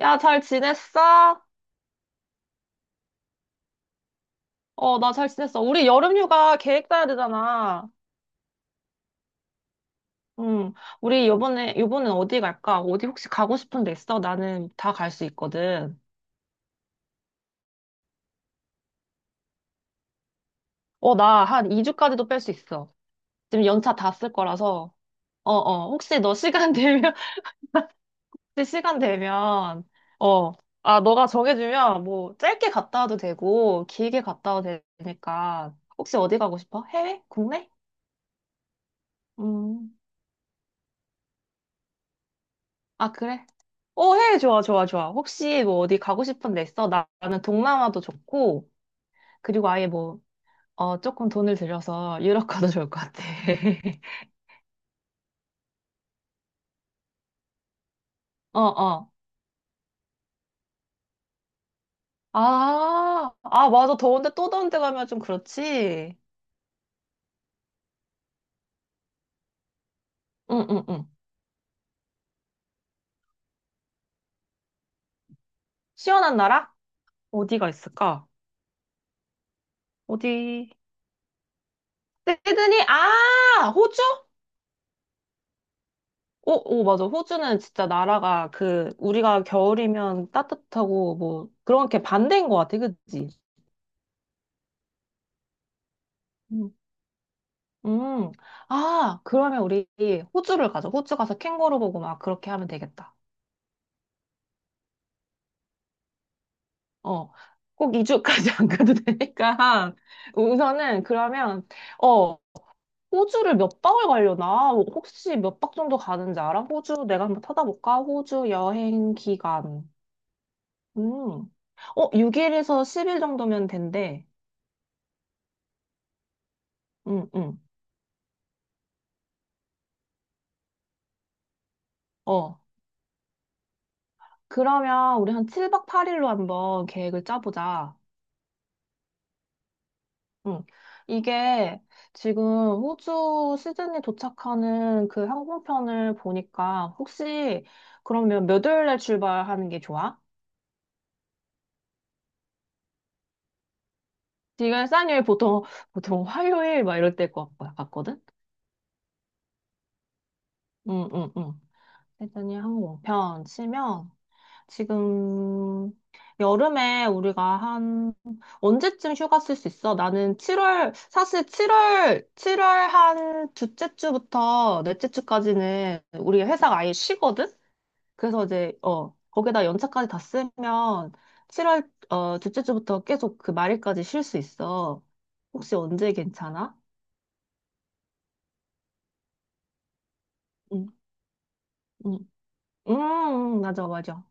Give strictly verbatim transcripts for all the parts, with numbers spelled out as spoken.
야, 잘 지냈어? 어, 나 잘 지냈어. 우리 여름휴가 계획 짜야 되잖아. 응. 우리 요번에, 요번엔 어디 갈까? 어디 혹시 가고 싶은 데 있어? 나는 다 갈 수 있거든. 어, 나 한 이 주까지도 뺄 수 있어. 지금 연차 다 쓸 거라서. 어, 어. 혹시 너 시간 되면, 혹시 시간 되면, 어. 아, 너가 정해주면 뭐 짧게 갔다 와도 되고, 길게 갔다 와도 되니까. 혹시 어디 가고 싶어? 해외? 국내? 음. 아, 그래? 어, 해. 좋아, 좋아, 좋아. 혹시 뭐 어디 가고 싶은 데 있어? 나- 나는 동남아도 좋고, 그리고 아예 뭐, 어, 조금 돈을 들여서 유럽 가도 좋을 것 같아. 어, 어. 아, 아, 맞아. 더운데 또 더운데 가면 좀 그렇지. 응, 응, 응. 시원한 나라? 어디가 있을까? 어디? 시드니? 아, 호주? 오, 오, 맞아. 호주는 진짜 나라가 그, 우리가 겨울이면 따뜻하고 뭐, 그런 게 반대인 것 같아. 그치? 응. 음. 아, 그러면 우리 호주를 가자. 호주 가서 캥거루 보고 막 그렇게 하면 되겠다. 어. 꼭 이 주까지 안 가도 되니까. 우선은 그러면, 어, 호주를 몇 박을 가려나? 뭐 혹시 몇 박 정도 가는지 알아? 호주 내가 한번 찾아볼까? 호주 여행 기간. 음. 어, 육 일에서 십 일 정도면 된대. 응, 응, 어. 그러면 우리 한 칠 박 팔 일로 한번 계획을 짜보자. 응. 이게 지금 호주 시드니 도착하는 그 항공편을 보니까 혹시 그러면 몇 월에 출발하는 게 좋아? 지금 싼일 보통 보통 화요일 막 이럴 때일 것 같- 거든. 응, 응, 응. 시드니 항공편 치면 지금 여름에 우리가 한 언제쯤 휴가 쓸 수 있어? 나는 칠월 사실 7월 칠월 한 둘째 주부터 넷째 주까지는 우리 회사가 아예 쉬거든? 그래서 이제 어 거기다 연차까지 다 쓰면 칠월 어 둘째 주부터 계속 그 말일까지 쉴 수 있어. 혹시 언제 괜찮아? 응, 응. 음, 음, 맞아, 맞아.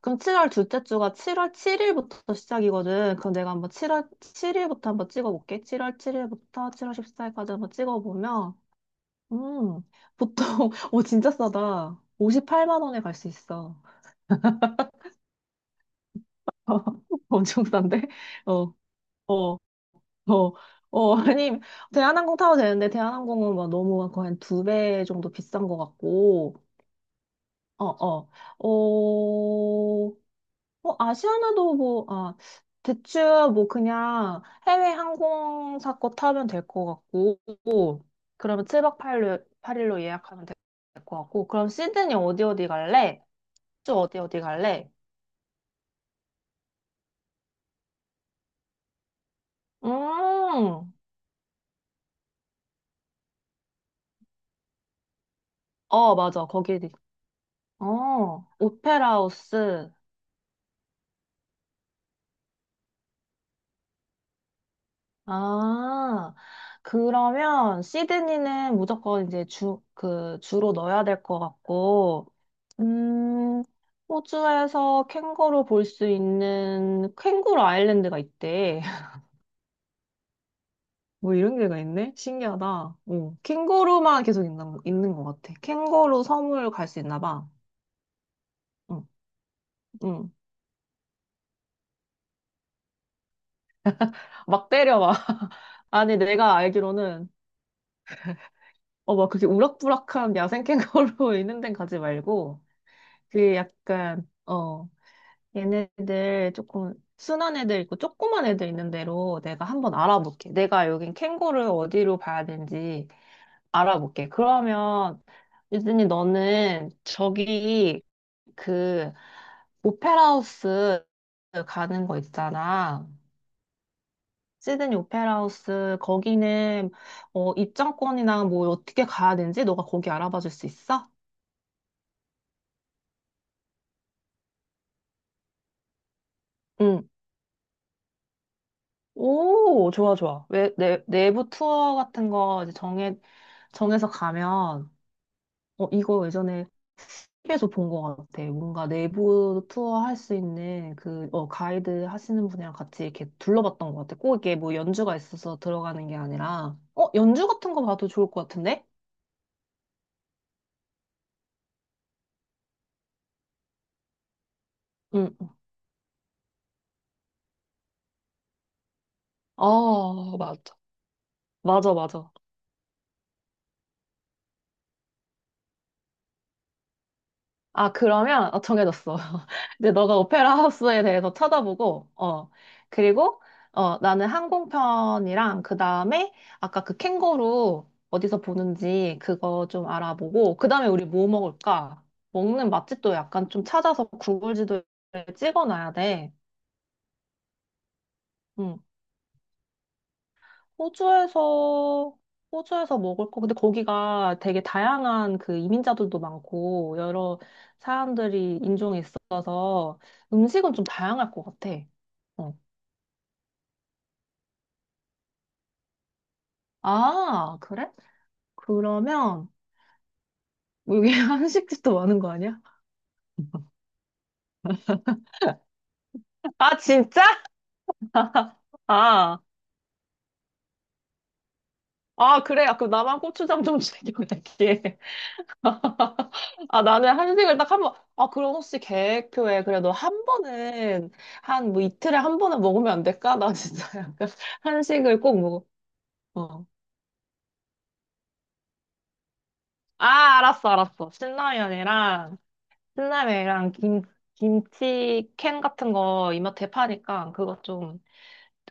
그럼 칠월 둘째 주가 칠월 칠 일부터 시작이거든. 그럼 내가 한번 칠월 칠 일부터 한번 찍어볼게. 칠월 칠 일부터 칠월 십사 일까지 한번 찍어보면, 음, 보통, 오, 진짜 싸다. 오십팔만 원에 갈 수 있어. 엄청 싼데? 어, 어. 어, 어, 아니, 대한항공 타도 되는데, 대한항공은 막 너무 막 거의 한두 배 정도 비싼 것 같고, 어, 어, 어, 뭐, 아시아나도 뭐, 아, 대충 뭐 그냥 해외 항공사 거 타면 될 것 같고, 그러면 칠 박 팔 일, 팔일로 예약하면 될 것 같고, 그럼 시드니 어디 어디 갈래? 쭉 어디 어디 갈래? 음, 어, 맞아, 거기, 어, 오페라 하우스. 아, 그러면 시드니는 무조건 이제 주, 그, 주로 넣어야 될 것 같고, 음, 호주에서 캥거루 볼 수 있는 캥거루 아일랜드가 있대. 뭐 이런 데가 있네? 신기하다. 응. 캥거루만 계속 있는, 있는 것 같아. 캥거루 섬을 갈 수 있나 봐. 응, 응. 막 때려봐. 아니, 내가 알기로는, 어, 막 그렇게 우락부락한 야생 캥거루 있는 데 가지 말고, 그게 약간, 어, 얘네들 조금 순한 애들 있고 조그만 애들 있는 대로 내가 한번 알아볼게. 내가 여긴 캥거루를 어디로 봐야 되는지 알아볼게. 그러면 유진이 너는 저기 그 오페라 하우스 가는 거 있잖아. 시드니 오페라 하우스 거기는 어 입장권이나 뭐 어떻게 가야 되는지 너가 거기 알아봐 줄 수 있어? 응. 오, 좋아, 좋아. 왜, 내, 내부 투어 같은 거 이제 정해, 정해서 가면, 어, 이거 예전에 티비에서 본 것 같아. 뭔가 내부 투어 할 수 있는 그, 어, 가이드 하시는 분이랑 같이 이렇게 둘러봤던 것 같아. 꼭 이게 뭐 연주가 있어서 들어가는 게 아니라, 어, 연주 같은 거 봐도 좋을 것 같은데? 응. 아, 맞아. 맞아, 맞아. 아, 그러면, 어, 정해졌어. 이제 너가 오페라 하우스에 대해서 찾아보고, 어, 그리고, 어, 나는 항공편이랑, 그 다음에, 아까 그 캥거루 어디서 보는지 그거 좀 알아보고, 그 다음에 우리 뭐 먹을까? 먹는 맛집도 약간 좀 찾아서 구글 지도에 찍어 놔야 돼. 응. 호주에서, 호주에서 먹을 거. 근데 거기가 되게 다양한 그 이민자들도 많고, 여러 사람들이 인종이 있어서 음식은 좀 다양할 것 같아. 어. 아, 그래? 그러면, 여기 한식집도 많은 거 아니야? 아, 진짜? 아, 아, 그래. 아, 그럼 나만 고추장 좀 챙겨갈게. 아, 나는 한식을 딱 한 번, 아, 그럼 혹시 계획표에 그래도 한 번은, 한 뭐 이틀에 한 번은 먹으면 안 될까? 나 진짜 약간 한식을 꼭 먹어. 어. 아, 알았어, 알았어. 신라면이랑, 신라면이랑 김, 김치 캔 같은 거 이마트에 파니까 그것 좀,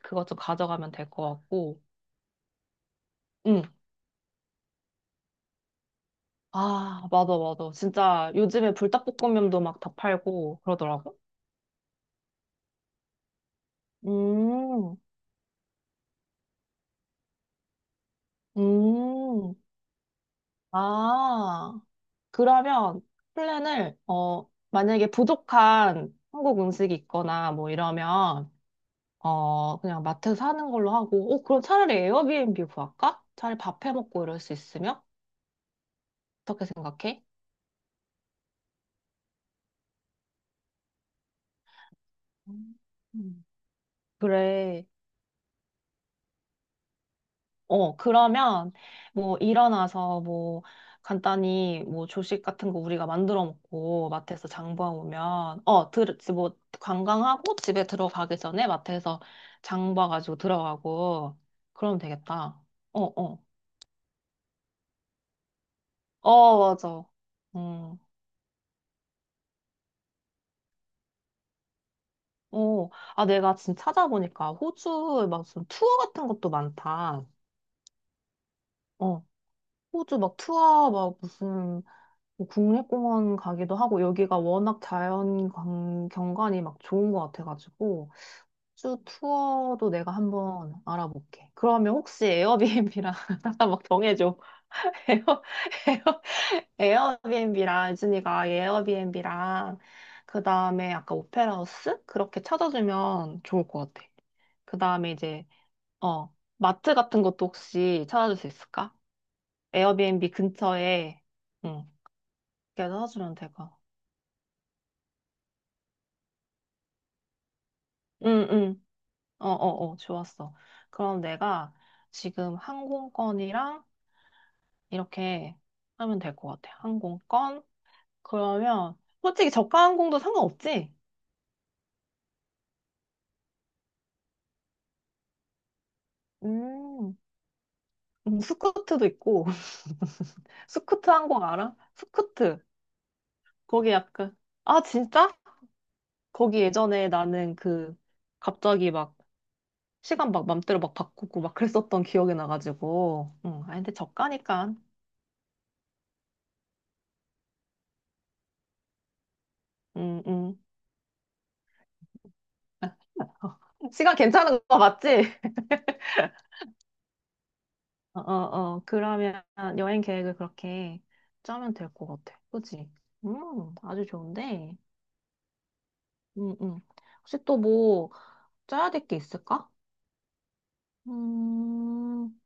그것 좀 가져가면 될 것 같고. 응. 아, 맞아, 맞아. 진짜 요즘에 불닭볶음면도 막 다 팔고 그러더라고. 음, 음. 아. 그러면 플랜을, 어, 만약에 부족한 한국 음식이 있거나 뭐 이러면, 어, 그냥 마트에서 사는 걸로 하고, 어, 그럼 차라리 에어비앤비 구할까? 차라리 밥해 먹고 이럴 수 있으면? 어떻게 생각해? 음. 그래. 어, 그러면 뭐 일어나서 뭐 간단히 뭐 조식 같은 거 우리가 만들어 먹고 마트에서 장봐 오면 어, 들, 뭐 관광하고 집에 들어가기 전에 마트에서 장 봐가지고 들어가고 그러면 되겠다. 어, 어. 어, 맞아. 음. 어. 아, 내가 지금 찾아보니까 호주 막 무슨 투어 같은 것도 많다. 어. 호주 막 투어 막 무슨 뭐 국립공원 가기도 하고 여기가 워낙 자연 관- 경관이 막 좋은 것 같아가지고 주 투어도 내가 한번 알아볼게. 그러면 혹시 에어비앤비랑 잠깐 막 정해줘. 에어 에어 에어비앤비랑 유진이가 에어비앤비랑 그 다음에 아까 오페라 하우스 그렇게 찾아주면 좋을 것 같아. 그 다음에 이제 어 마트 같은 것도 혹시 찾아줄 수 있을까? 에어비앤비 근처에 응렇게 찾아주면 될까? 응응 어, 어, 어, 좋았어. 그럼 내가 지금 항공권이랑 이렇게 하면 될 것 같아. 항공권. 그러면 솔직히 저가 항공도 상관없지? 음, 음, 스쿠트도 있고. 스쿠트 항공 알아? 스쿠트. 거기 약간, 아, 진짜? 거기 예전에 나는 그, 갑자기 막, 시간 막 맘대로 막 바꾸고 막 그랬었던 기억이 나가지고. 응, 아, 근데 저가니까. 음, 음. 시간 괜찮은 거 맞지? 어, 어, 어. 그러면 여행 계획을 그렇게 짜면 될 것 같아. 그치? 음, 아주 좋은데. 음, 음. 혹시 또 뭐 짜야 될 게 있을까? 음,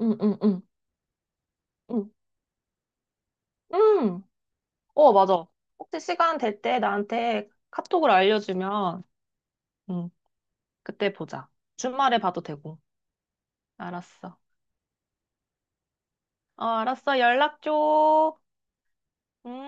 음, 음, 음, 음. 음. 어, 맞아. 혹시 시간 될 때 나한테 카톡을 알려주면, 음, 그때 보자. 주말에 봐도 되고. 알았어. 어, 알았어. 연락 줘. 음.